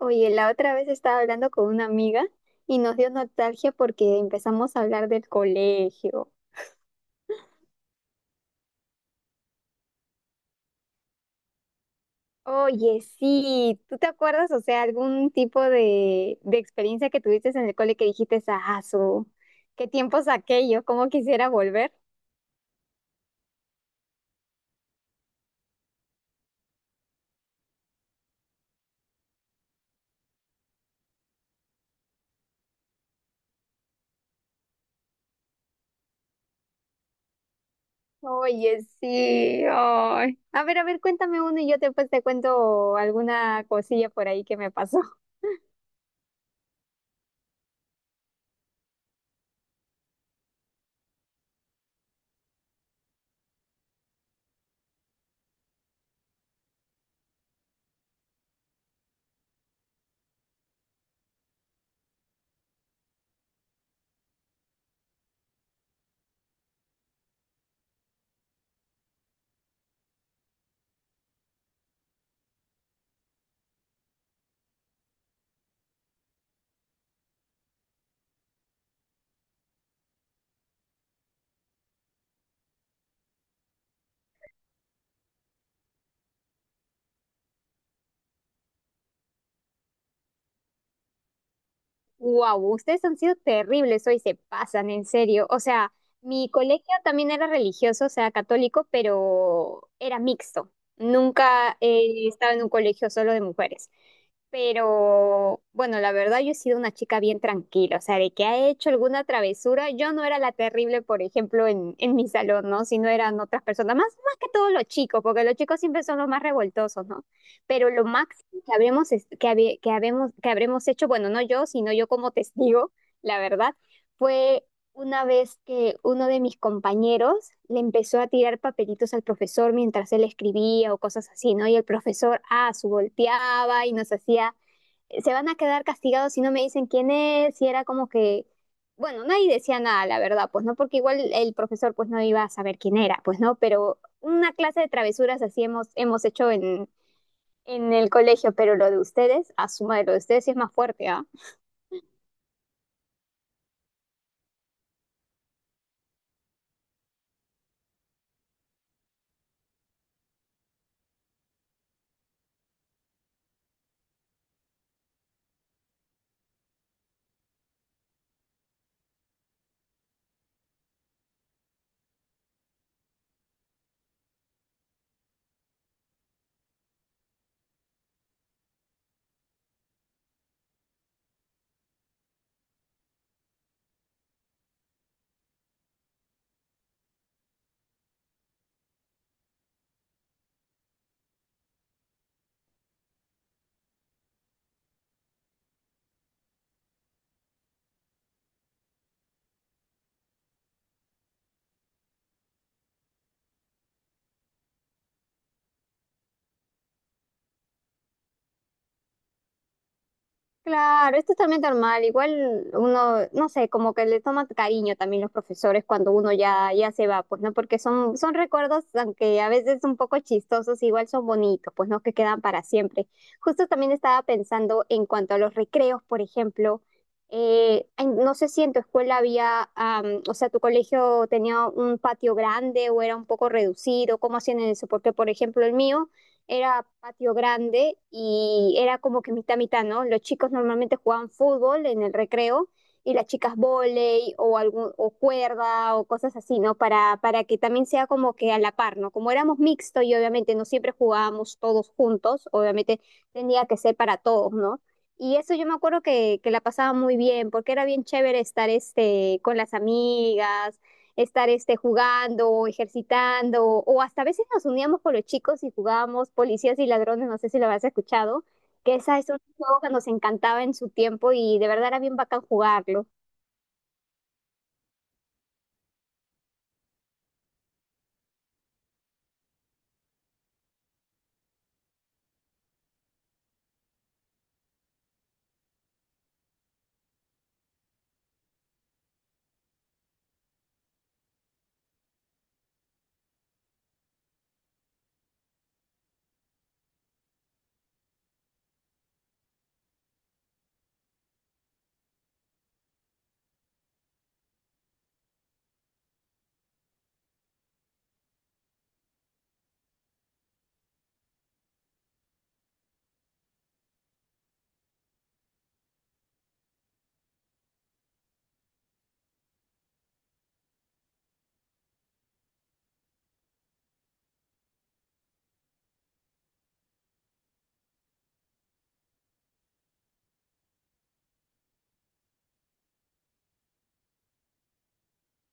Oye, la otra vez estaba hablando con una amiga y nos dio nostalgia porque empezamos a hablar del colegio. Oye, sí, ¿tú te acuerdas, o sea, algún tipo de experiencia que tuviste en el cole que dijiste, ah, su, qué tiempos aquellos, cómo quisiera volver? Oye, sí, ay. A ver, cuéntame uno y yo después te cuento alguna cosilla por ahí que me pasó. Wow, ustedes han sido terribles hoy, se pasan, en serio. O sea, mi colegio también era religioso, o sea, católico, pero era mixto. Nunca he estado en un colegio solo de mujeres. Pero bueno, la verdad yo he sido una chica bien tranquila, o sea, de que ha hecho alguna travesura, yo no era la terrible, por ejemplo, en mi salón, ¿no? Sino eran otras personas, más que todos los chicos, porque los chicos siempre son los más revoltosos, ¿no? Pero lo máximo que habremos, es- que, habe- que, habemos- que habremos hecho, bueno, no yo, sino yo como testigo, la verdad, fue una vez que uno de mis compañeros le empezó a tirar papelitos al profesor mientras él escribía o cosas así, ¿no? Y el profesor, ah, su volteaba y nos hacía, se van a quedar castigados si no me dicen quién es, y era como que... Bueno, nadie decía nada, la verdad, pues no, porque igual el profesor pues no iba a saber quién era, pues no, pero una clase de travesuras así hemos hecho en el colegio, pero lo de ustedes, asuma de lo de ustedes sí es más fuerte, ¿ah? Claro, es totalmente normal. Igual uno, no sé, como que le toma cariño también los profesores cuando uno ya se va, pues, ¿no? Porque son recuerdos, aunque a veces un poco chistosos, igual son bonitos, pues, ¿no? Que quedan para siempre. Justo también estaba pensando en cuanto a los recreos, por ejemplo. No sé si en tu escuela había, o sea, tu colegio tenía un patio grande o era un poco reducido, ¿cómo hacían eso? Porque, por ejemplo, el mío era patio grande y era como que mitad mitad, ¿no? Los chicos normalmente jugaban fútbol en el recreo y las chicas volei o algún o cuerda o cosas así, ¿no? Para que también sea como que a la par, ¿no? Como éramos mixto y obviamente no siempre jugábamos todos juntos, obviamente tenía que ser para todos, ¿no? Y eso yo me acuerdo que la pasaba muy bien, porque era bien chévere estar este, con las amigas, estar este, jugando, o ejercitando, o hasta a veces nos uníamos con los chicos y jugábamos policías y ladrones, no sé si lo habrás escuchado, que esa es un juego que nos encantaba en su tiempo y de verdad era bien bacán jugarlo.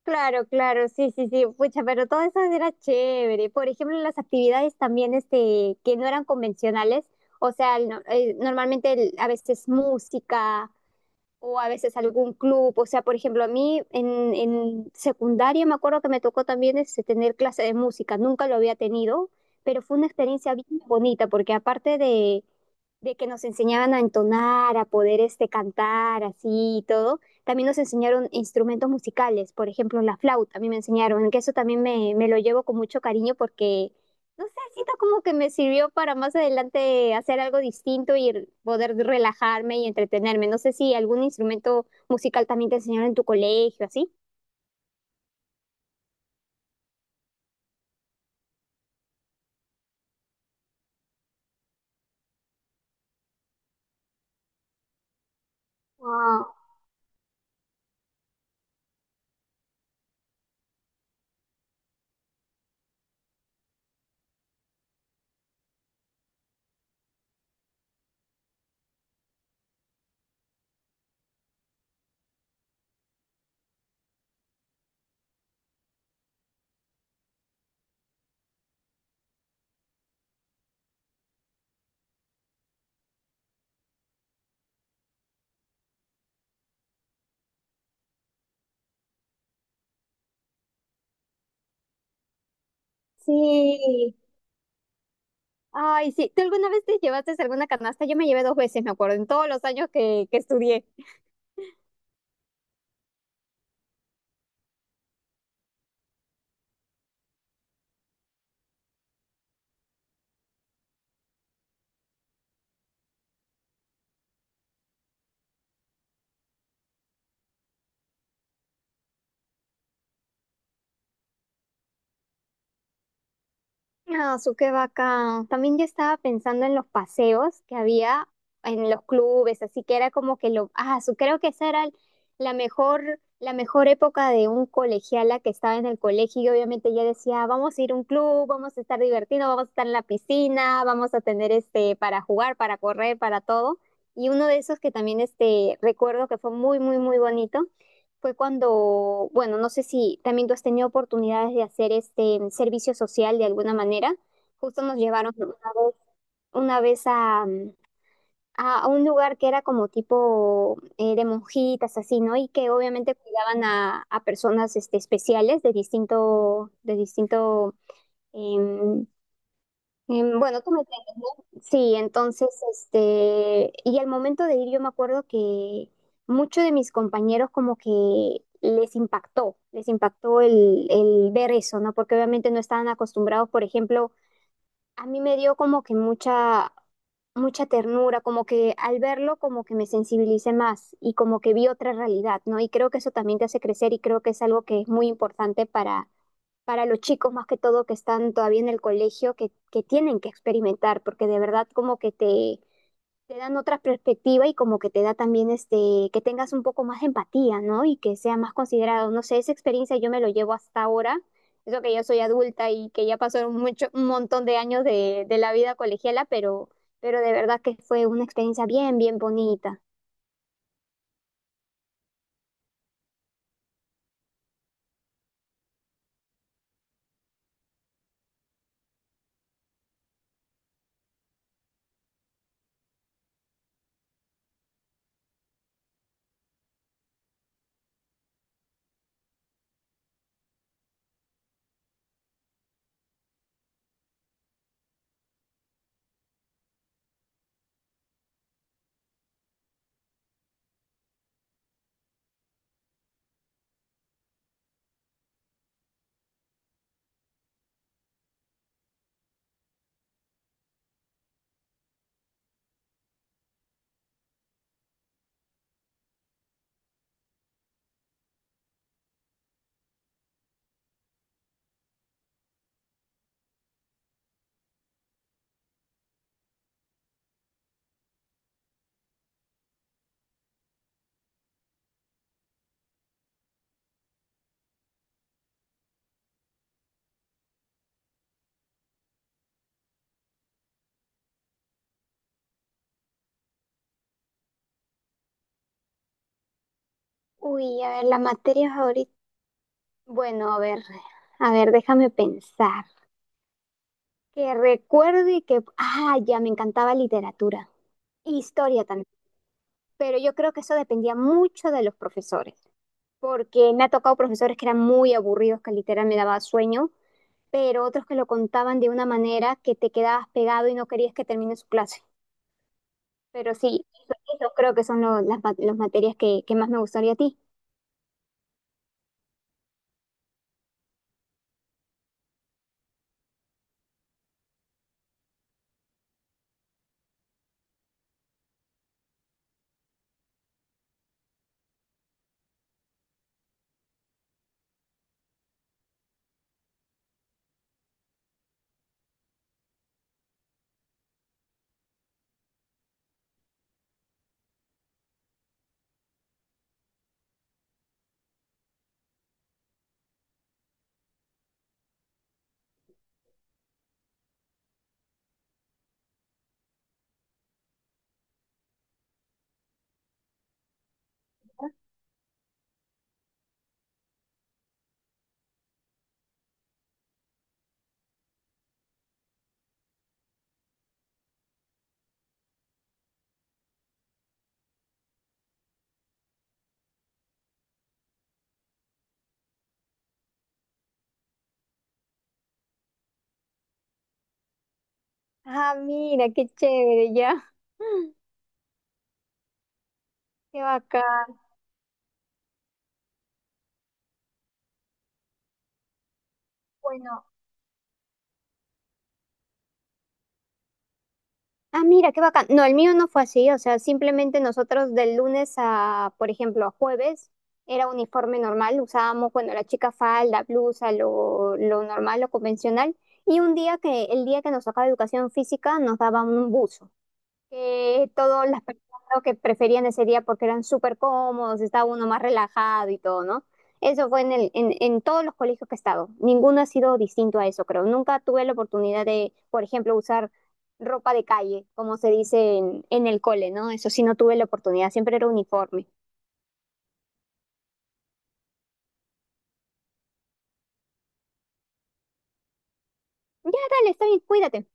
Claro, claro, sí, sí, sí, pucha, pero todo eso era chévere. Por ejemplo, las actividades también este, que no eran convencionales, o sea, normalmente a veces música o a veces algún club. O sea, por ejemplo, a mí en secundaria me acuerdo que me tocó también este, tener clase de música. Nunca lo había tenido, pero fue una experiencia bien bonita porque aparte de que nos enseñaban a entonar, a poder este cantar así y todo, también nos enseñaron instrumentos musicales, por ejemplo, la flauta, a mí me enseñaron, que eso también me lo llevo con mucho cariño porque, no sé, siento como que me sirvió para más adelante hacer algo distinto y poder relajarme y entretenerme. No sé si algún instrumento musical también te enseñaron en tu colegio, así. Wow, sí. Ay, sí, ¿tú alguna vez te llevaste alguna canasta? Yo me llevé dos veces, me acuerdo, en todos los años que estudié. Ah, su qué bacán. También yo estaba pensando en los paseos que había en los clubes, así que era como que lo, ah, su creo que esa era la mejor época de un colegiala que estaba en el colegio y obviamente ya decía, vamos a ir a un club, vamos a estar divertidos, vamos a estar en la piscina, vamos a tener este para jugar, para correr, para todo. Y uno de esos que también este recuerdo que fue muy, muy, muy bonito fue cuando, bueno, no sé si también tú has tenido oportunidades de hacer este servicio social de alguna manera. Justo nos llevaron una vez, una vez a, a a un lugar que era como tipo de monjitas, así, ¿no? Y que obviamente cuidaban a personas este, especiales de distinto, em, bueno, tú me Sí, entonces, este, y al momento de ir, yo me acuerdo que muchos de mis compañeros como que les impactó el ver eso, ¿no? Porque obviamente no estaban acostumbrados, por ejemplo, a mí me dio como que mucha ternura, como que al verlo como que me sensibilicé más y como que vi otra realidad, ¿no? Y creo que eso también te hace crecer y creo que es algo que es muy importante para los chicos más que todo que están todavía en el colegio, que tienen que experimentar, porque de verdad como que te dan otra perspectiva y como que te da también este, que tengas un poco más de empatía, ¿no? Y que sea más considerado. No sé, esa experiencia yo me lo llevo hasta ahora. Eso que yo soy adulta y que ya pasaron mucho, un montón de años de la vida colegiala, pero de verdad que fue una experiencia bien, bien bonita. Uy, a ver, la materia ahorita. Bueno, a ver, déjame pensar. Que recuerde que, ah, ya me encantaba literatura, historia también, pero yo creo que eso dependía mucho de los profesores, porque me ha tocado profesores que eran muy aburridos, que literal me daba sueño, pero otros que lo contaban de una manera que te quedabas pegado y no querías que termine su clase. Pero sí, eso creo que son las materias que más me gustaría a ti. Ah, mira, qué chévere, ya. Qué bacán. Bueno, ah, mira, qué bacán. No, el mío no fue así, o sea, simplemente nosotros del lunes a, por ejemplo, a jueves, era uniforme normal, usábamos, bueno, la chica falda, blusa, lo normal, lo convencional, y un día que, el día que nos tocaba educación física, nos daban un buzo que todas las personas creo que preferían ese día porque eran súper cómodos, estaba uno más relajado y todo, ¿no? Eso fue en el, en todos los colegios que he estado. Ninguno ha sido distinto a eso, creo. Nunca tuve la oportunidad de, por ejemplo, usar ropa de calle, como se dice en el cole, ¿no? Eso sí no tuve la oportunidad, siempre era uniforme. Ya, dale, está bien, cuídate.